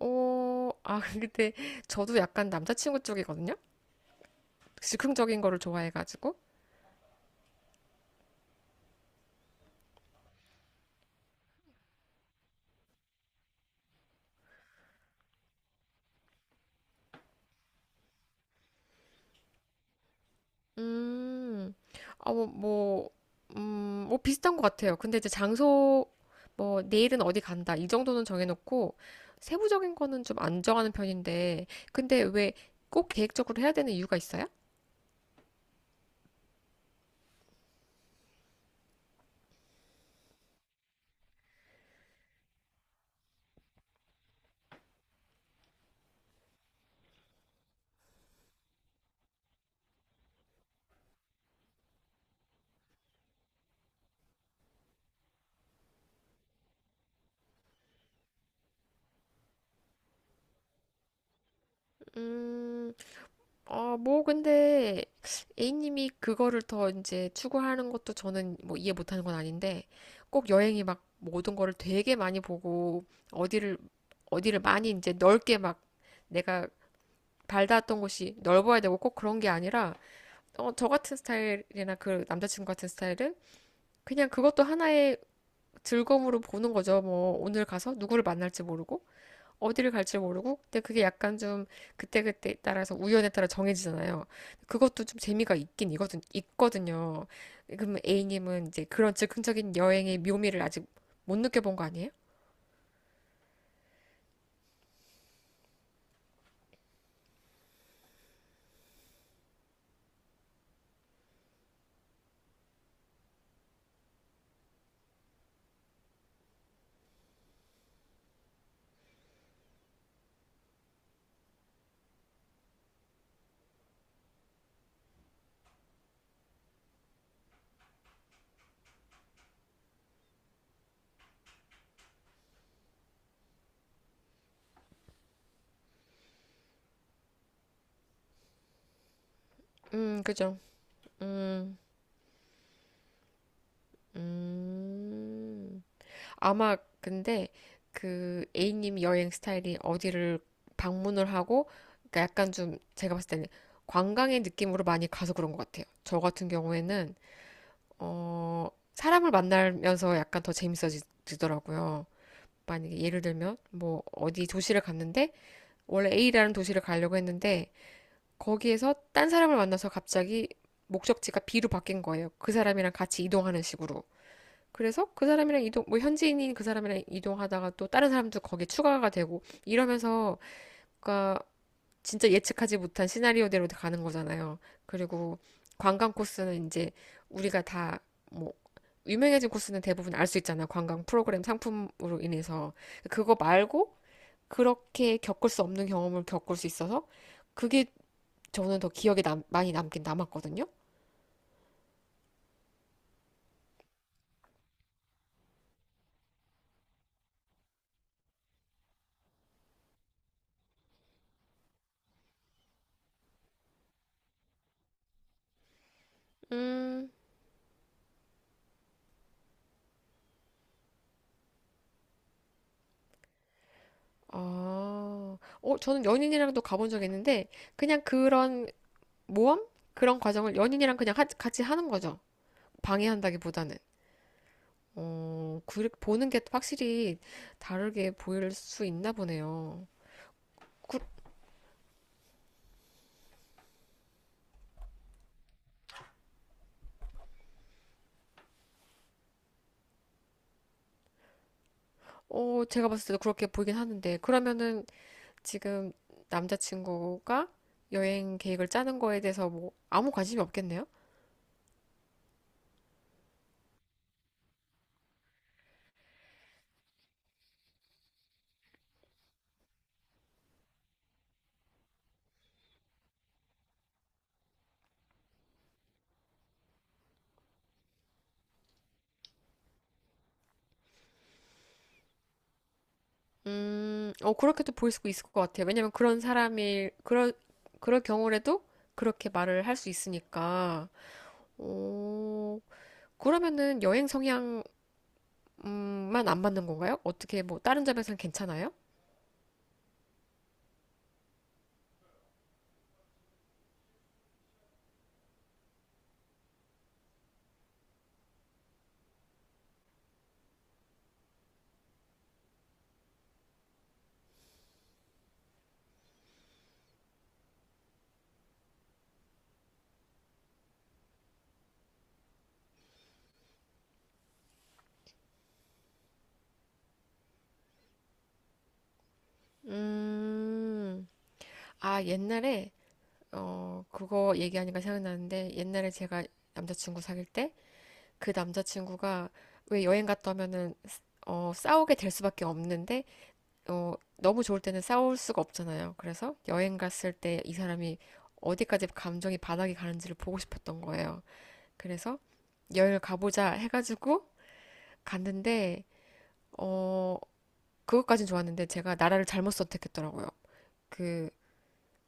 근데 저도 약간 남자친구 쪽이거든요? 즉흥적인 거를 좋아해가지고. 음, 아, 뭐, 뭐, 뭐 비슷한 것 같아요. 근데 이제 장소, 뭐, 내일은 어디 간다. 이 정도는 정해놓고, 세부적인 거는 좀 안 정하는 편인데, 근데 왜 꼭 계획적으로 해야 되는 이유가 있어요? 음, 어, 뭐, 근데, A님이 그거를 더 이제 추구하는 것도 저는 뭐 이해 못하는 건 아닌데, 꼭 여행이 막 모든 거를 되게 많이 보고, 어디를, 어디를 많이 이제 넓게 막 내가 발닿았던 곳이 넓어야 되고 꼭 그런 게 아니라, 저 같은 스타일이나 그 남자친구 같은 스타일은 그냥 그것도 하나의 즐거움으로 보는 거죠. 뭐, 오늘 가서 누구를 만날지 모르고. 어디를 갈지 모르고 근데 그게 약간 좀 그때그때 따라서 우연에 따라 정해지잖아요. 그것도 좀 재미가 있거든요. 그럼 A님은 이제 그런 즉흥적인 여행의 묘미를 아직 못 느껴본 거 아니에요? 그죠. 음, 음. 아마 근데 그 A님 여행 스타일이 어디를 방문을 하고 그러니까 약간 좀 제가 봤을 때는 관광의 느낌으로 많이 가서 그런 것 같아요. 저 같은 경우에는 어, 사람을 만나면서 약간 더 재밌어지더라고요. 만약에 예를 들면, 뭐, 어디 도시를 갔는데, 원래 A라는 도시를 가려고 했는데, 거기에서 딴 사람을 만나서 갑자기 목적지가 B로 바뀐 거예요. 그 사람이랑 같이 이동하는 식으로. 그래서 그 사람이랑 이동, 뭐, 현지인인 그 사람이랑 이동하다가 또 다른 사람도 거기에 추가가 되고, 이러면서, 그니까, 진짜 예측하지 못한 시나리오대로 가는 거잖아요. 그리고 관광 코스는 이제 우리가 다 뭐 유명해진 코스는 대부분 알 수 있잖아. 관광 프로그램 상품으로 인해서. 그거 말고 그렇게 겪을 수 없는 경험을 겪을 수 있어서 그게 저는 더 기억에 많이 남긴 남았거든요. 음, 저는 연인이랑도 가본 적 있는데 그냥 그런 모험? 그런 과정을 연인이랑 같이 하는 거죠. 방해한다기보다는. 보는 게 확실히 다르게 보일 수 있나 보네요. 그, 제가 봤을 때도 그렇게 보이긴 하는데, 그러면은 지금 남자친구가 여행 계획을 짜는 거에 대해서 뭐, 아무 관심이 없겠네요? 그렇게도 보일 수 있을 것 같아요. 왜냐면 그럴 경우라도 그렇게 말을 할 수 있으니까, 어, 그러면은 여행 성향, 음,만 안 맞는 건가요? 어떻게 뭐, 다른 점에서는 괜찮아요? 음, 옛날에, 그거 얘기하니까 생각나는데, 옛날에 제가 남자친구 사귈 때, 그 남자친구가 왜 여행 갔다 오면은, 싸우게 될 수밖에 없는데, 너무 좋을 때는 싸울 수가 없잖아요. 그래서 여행 갔을 때 이 사람이 어디까지 감정이 바닥이 가는지를 보고 싶었던 거예요. 그래서 여행을 가보자 해가지고 갔는데, 어, 그것까진 좋았는데, 제가 나라를 잘못 선택했더라고요. 그,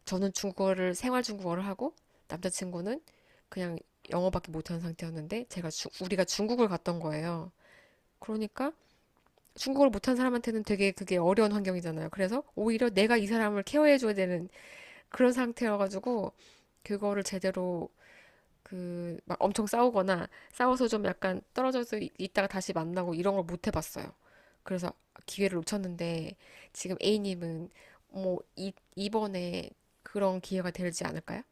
저는 중국어를 생활 중국어를 하고 남자친구는 그냥 영어밖에 못하는 상태였는데 우리가 중국을 갔던 거예요. 그러니까 중국어를 못한 사람한테는 되게 그게 어려운 환경이잖아요. 그래서 오히려 내가 이 사람을 케어해줘야 되는 그런 상태여가지고 그거를 제대로 그 막 엄청 싸우거나 싸워서 좀 약간 떨어져서 있다가 다시 만나고 이런 걸 못 해봤어요. 그래서 기회를 놓쳤는데 지금 A님은 뭐 이번에 그런 기회가 되지 않을까요?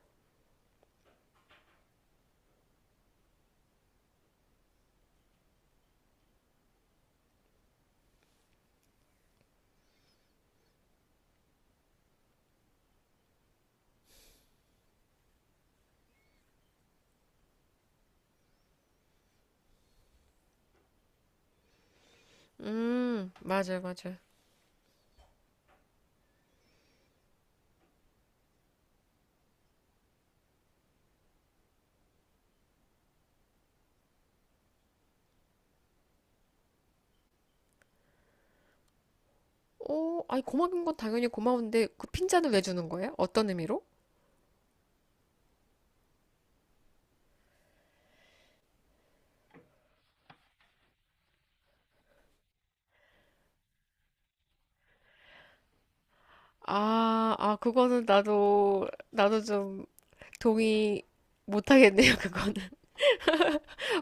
맞아요, 맞아요. 오, 아니, 고마운 건 당연히 고마운데, 그 핀잔을 왜 주는 거예요? 어떤 의미로? 그거는 나도 좀 동의 못하겠네요, 그거는.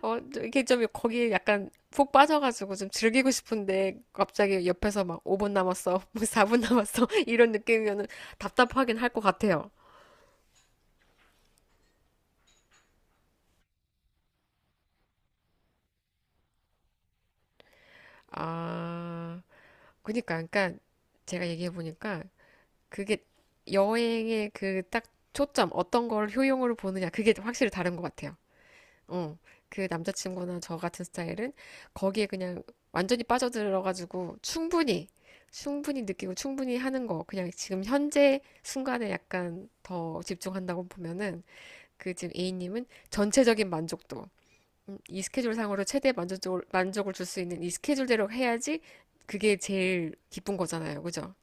어, 좀 이렇게 좀 거기에 약간 푹 빠져가지고 좀 즐기고 싶은데, 갑자기 옆에서 막 5분 남았어, 뭐 4분 남았어, 이런 느낌이면은 답답하긴 할 것 같아요. 아, 그니까, 제가 얘기해보니까, 그게 여행의 그 딱 초점, 어떤 걸 효용으로 보느냐, 그게 확실히 다른 것 같아요. 어, 그 남자친구나 저 같은 스타일은 거기에 그냥 완전히 빠져들어가지고 충분히 느끼고 충분히 하는 거, 그냥 지금 현재 순간에 약간 더 집중한다고 보면은 그 지금 A님은 전체적인 만족도, 이 스케줄상으로 최대 만족을 줄 수 있는 이 스케줄대로 해야지 그게 제일 기쁜 거잖아요. 그죠?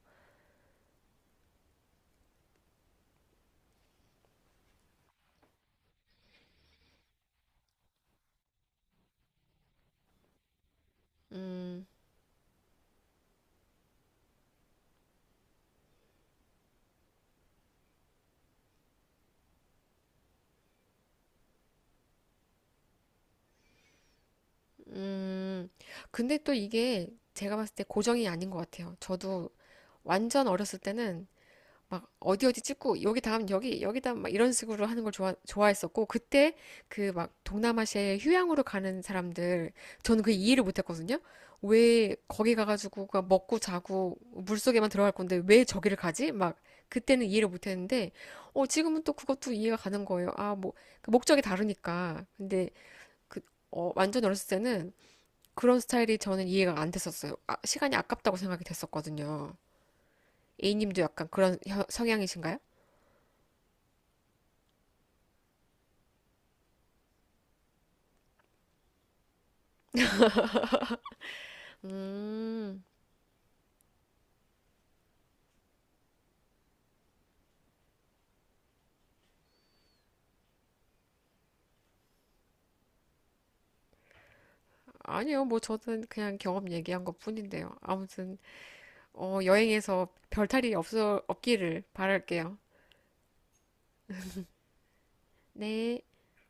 음, 음, 근데 또 이게 제가 봤을 때 고정이 아닌 것 같아요. 저도 완전 어렸을 때는 막 어디 어디 찍고 여기 다음 여기 여기 다음 막 이런 식으로 하는 걸 좋아했었고 그때 그 막 동남아시아에 휴양으로 가는 사람들 저는 그 이해를 못했거든요. 왜 거기 가가지고 그냥 먹고 자고 물속에만 들어갈 건데 왜 저기를 가지? 막 그때는 이해를 못했는데 어 지금은 또 그것도 이해가 가는 거예요. 아뭐 그 목적이 다르니까 근데 그 완전 어렸을 때는 그런 스타일이 저는 이해가 안 됐었어요. 아, 시간이 아깝다고 생각이 됐었거든요. A님도 약간 성향이신가요? 음, 아니요. 뭐 저는 그냥 경험 얘기한 것 뿐인데요. 아무튼, 여행에서 없기를 바랄게요. 네.